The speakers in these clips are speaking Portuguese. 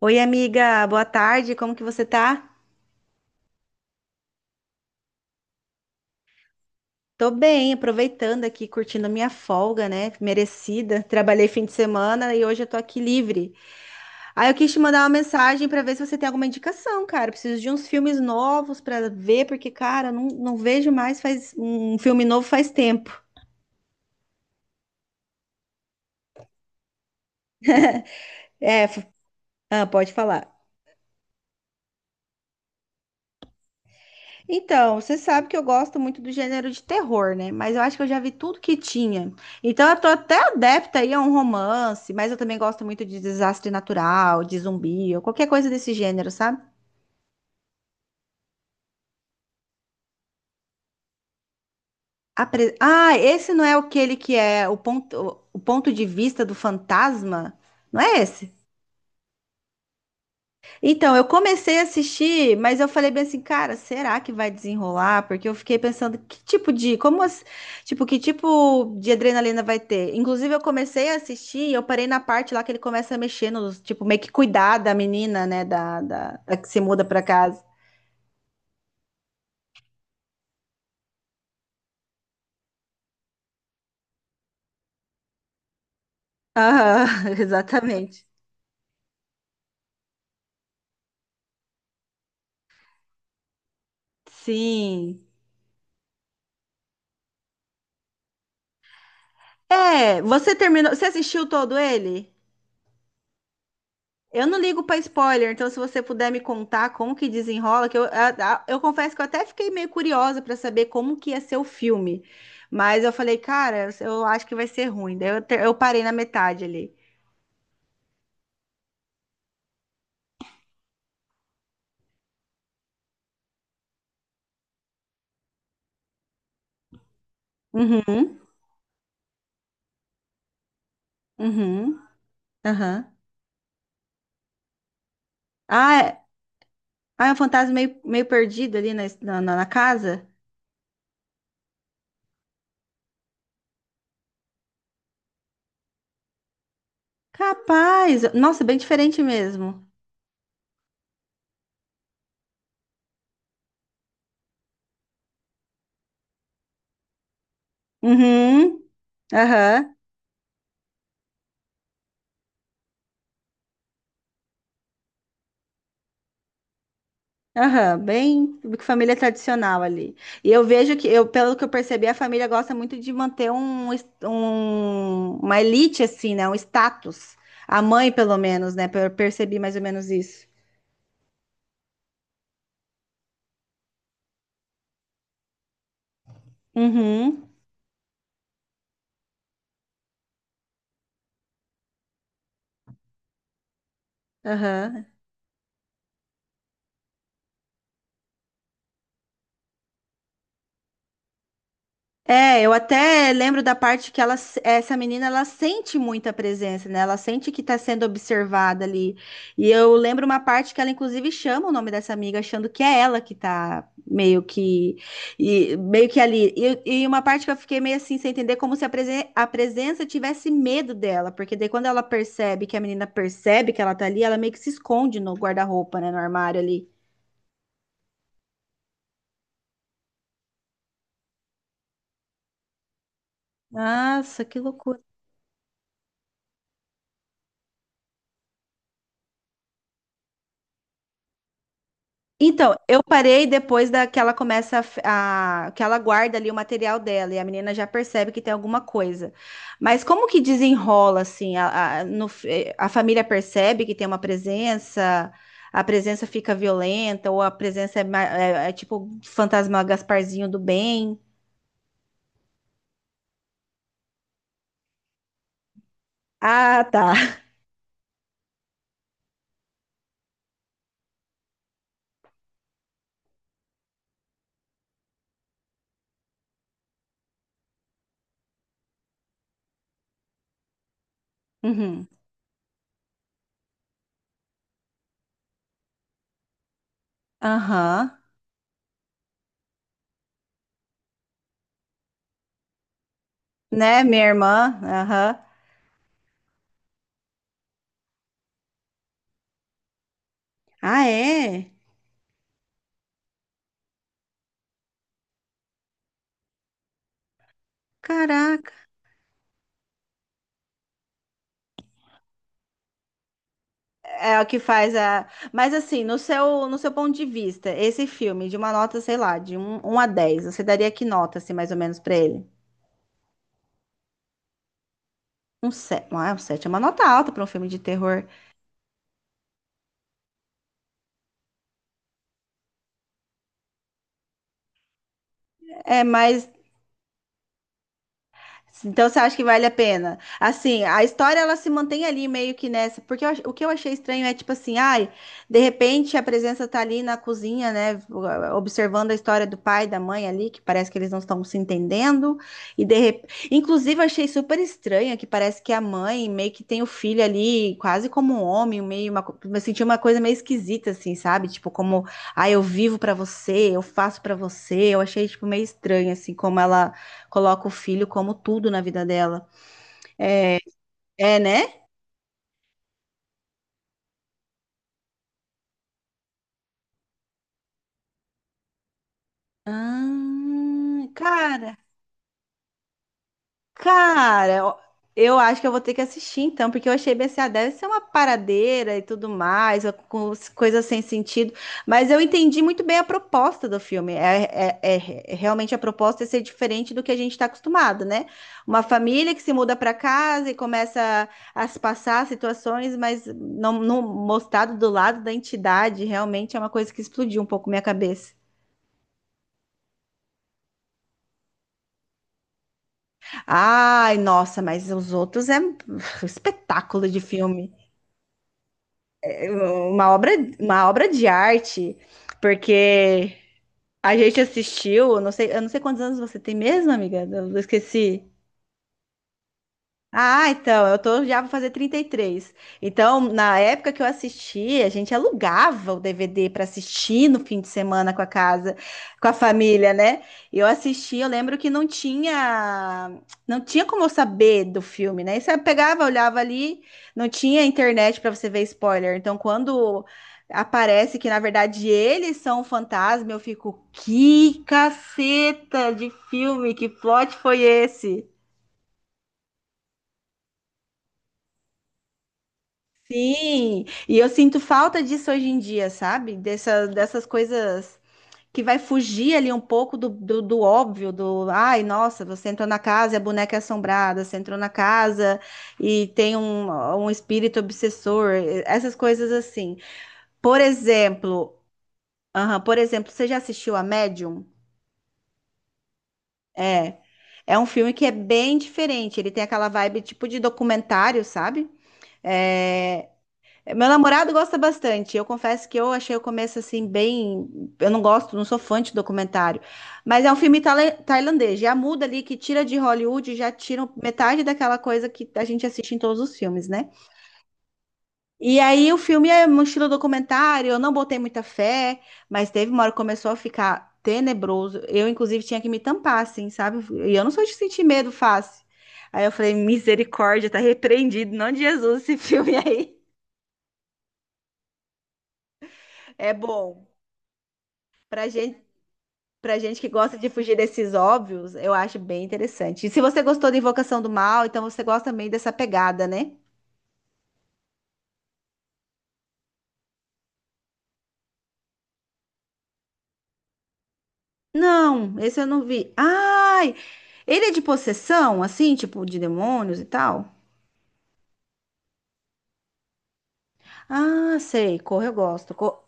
Oi, amiga, boa tarde, como que você tá? Tô bem, aproveitando aqui, curtindo a minha folga, né? Merecida. Trabalhei fim de semana e hoje eu tô aqui livre. Aí eu quis te mandar uma mensagem pra ver se você tem alguma indicação, cara. Eu preciso de uns filmes novos pra ver, porque, cara, eu não vejo mais faz um filme novo faz tempo. É, f- ah, pode falar. Então, você sabe que eu gosto muito do gênero de terror, né? Mas eu acho que eu já vi tudo que tinha. Então, eu tô até adepta aí a um romance, mas eu também gosto muito de desastre natural, de zumbi, ou qualquer coisa desse gênero, sabe? Ah, esse não é aquele que é o ponto de vista do fantasma? Não é esse? Então, eu comecei a assistir, mas eu falei bem assim, cara, será que vai desenrolar? Porque eu fiquei pensando que tipo, que tipo de adrenalina vai ter? Inclusive, eu comecei a assistir e eu parei na parte lá que ele começa a mexer nos, tipo, meio que cuidar da menina, né, da que se muda pra casa. Aham, exatamente. Sim. É, você terminou, você assistiu todo ele? Eu não ligo pra spoiler, então se você puder me contar como que desenrola, que eu, a- eu confesso que eu até fiquei meio curiosa pra saber como que ia ser o filme, mas eu falei, cara, eu acho que vai ser ruim. Daí eu parei na metade ali. Uhum, uhum, aham. Ah, é, ah, é um fantasma meio perdido ali na casa? Capaz! Nossa, bem diferente mesmo. Uhum, aham. Aham, bem família tradicional ali. E eu vejo que, eu, pelo que eu percebi, a família gosta muito de manter uma elite, assim, né? Um status. A mãe, pelo menos, né? Eu percebi mais ou menos isso. Uhum, aham. É, eu até lembro da parte que ela, essa menina, ela sente muita presença, né? Ela sente que tá sendo observada ali. E eu lembro uma parte que ela, inclusive, chama o nome dessa amiga, achando que é ela que tá meio que, e, meio que ali. E uma parte que eu fiquei meio assim, sem entender, como se a presença tivesse medo dela, porque daí quando ela percebe, que a menina percebe que ela tá ali, ela meio que se esconde no guarda-roupa, né? No armário ali. Nossa, que loucura. Então, eu parei depois da que ela começa que ela guarda ali o material dela e a menina já percebe que tem alguma coisa. Mas como que desenrola assim? A, no f- eh, a família percebe que tem uma presença, a presença fica violenta ou a presença é tipo fantasma Gasparzinho do bem? Ah, tá. Uhum. Aham. Né, minha irmã? Aham. Ah, é? Caraca. É o que faz a. Mas assim, no seu ponto de vista, esse filme, de uma nota, sei lá, de 1 a 10 você daria que nota, assim, mais ou menos, pra ele? Um 7. Ah, um 7 é uma nota alta pra um filme de terror. É, mas Então você acha que vale a pena? Assim, a história ela se mantém ali meio que nessa, porque o que eu achei estranho é tipo assim, ai, de repente a presença tá ali na cozinha, né, observando a história do pai e da mãe ali, que parece que eles não estão se entendendo, e de rep... inclusive eu achei super estranha que parece que a mãe meio que tem o filho ali quase como um homem, eu senti uma coisa meio esquisita assim, sabe? Tipo como, ai, eu vivo pra você, eu faço pra você. Eu achei tipo meio estranho assim como ela coloca o filho como tudo na vida dela. É, né? Ah, cara, ó, eu acho que eu vou ter que assistir então, porque eu achei BCA deve ser uma paradeira e tudo mais, coisas sem sentido. Mas eu entendi muito bem a proposta do filme. Realmente a proposta é ser diferente do que a gente está acostumado, né? Uma família que se muda para casa e começa a se passar situações, mas não mostrado do lado da entidade, realmente é uma coisa que explodiu um pouco minha cabeça. Ai, nossa, mas os outros é um espetáculo de filme. uma obra, uma obra de arte, porque a gente assistiu, eu não sei quantos anos você tem mesmo, amiga, eu esqueci. Ah, então, eu tô, já vou fazer 33. Então, na época que eu assisti, a gente alugava o DVD para assistir no fim de semana com a casa, com a família, né? E eu assisti, eu lembro que não tinha, não tinha como eu saber do filme, né? E você pegava, olhava ali, não tinha internet para você ver spoiler. Então, quando aparece que na verdade eles são o fantasma, eu fico, que caceta de filme, que plot foi esse? Sim, e eu sinto falta disso hoje em dia, sabe? Dessas coisas que vai fugir ali um pouco do óbvio, do ai, nossa, você entrou na casa e a boneca é assombrada, você entrou na casa e tem um espírito obsessor, essas coisas assim. Por exemplo, aham, por exemplo, você já assistiu a Medium? É. É um filme que é bem diferente, ele tem aquela vibe tipo de documentário, sabe? É, meu namorado gosta bastante. Eu confesso que eu achei o começo assim bem. Eu não gosto, não sou fã de documentário. Mas é um filme tailandês. Já muda ali que tira de Hollywood, já tira um, metade daquela coisa que a gente assiste em todos os filmes, né? E aí o filme é um estilo documentário. Eu não botei muita fé, mas teve uma hora que começou a ficar tenebroso. Eu, inclusive, tinha que me tampar, assim, sabe? E eu não sou de sentir medo fácil. Aí eu falei, misericórdia, tá repreendido, em nome de Jesus, esse filme aí. É bom. Pra gente, Pra gente que gosta de fugir desses óbvios, eu acho bem interessante. E se você gostou da Invocação do Mal, então você gosta também dessa pegada, né? Não, esse eu não vi. Ai, ele é de possessão, assim, tipo de demônios e tal? Ah, sei, Corra eu gosto.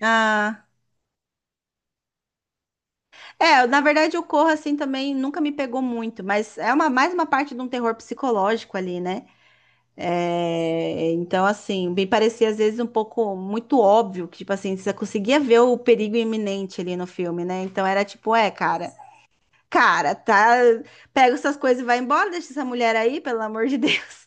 Ah, é, na verdade o Corra, assim, também nunca me pegou muito, mas é mais uma parte de um terror psicológico ali, né? É, então, assim, me parecia às vezes um pouco muito óbvio que, tipo assim, você conseguia ver o perigo iminente ali no filme, né? Então era tipo, é, cara, tá, pega essas coisas e vai embora, deixa essa mulher aí, pelo amor de Deus.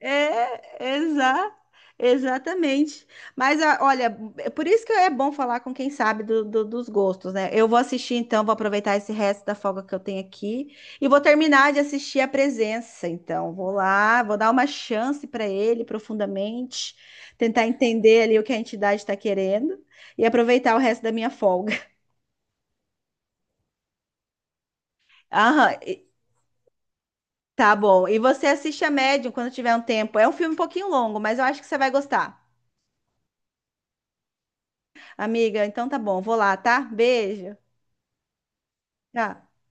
É, exa, exatamente. Olha, é por isso que é bom falar com quem sabe dos gostos, né? Eu vou assistir então, vou aproveitar esse resto da folga que eu tenho aqui e vou terminar de assistir A Presença. Então, vou lá, vou dar uma chance para ele profundamente, tentar entender ali o que a entidade está querendo e aproveitar o resto da minha folga. Aham, e- tá bom. E você assiste a Medium quando tiver um tempo. É um filme um pouquinho longo, mas eu acho que você vai gostar. Amiga, então tá bom, vou lá, tá? Beijo. Tchau.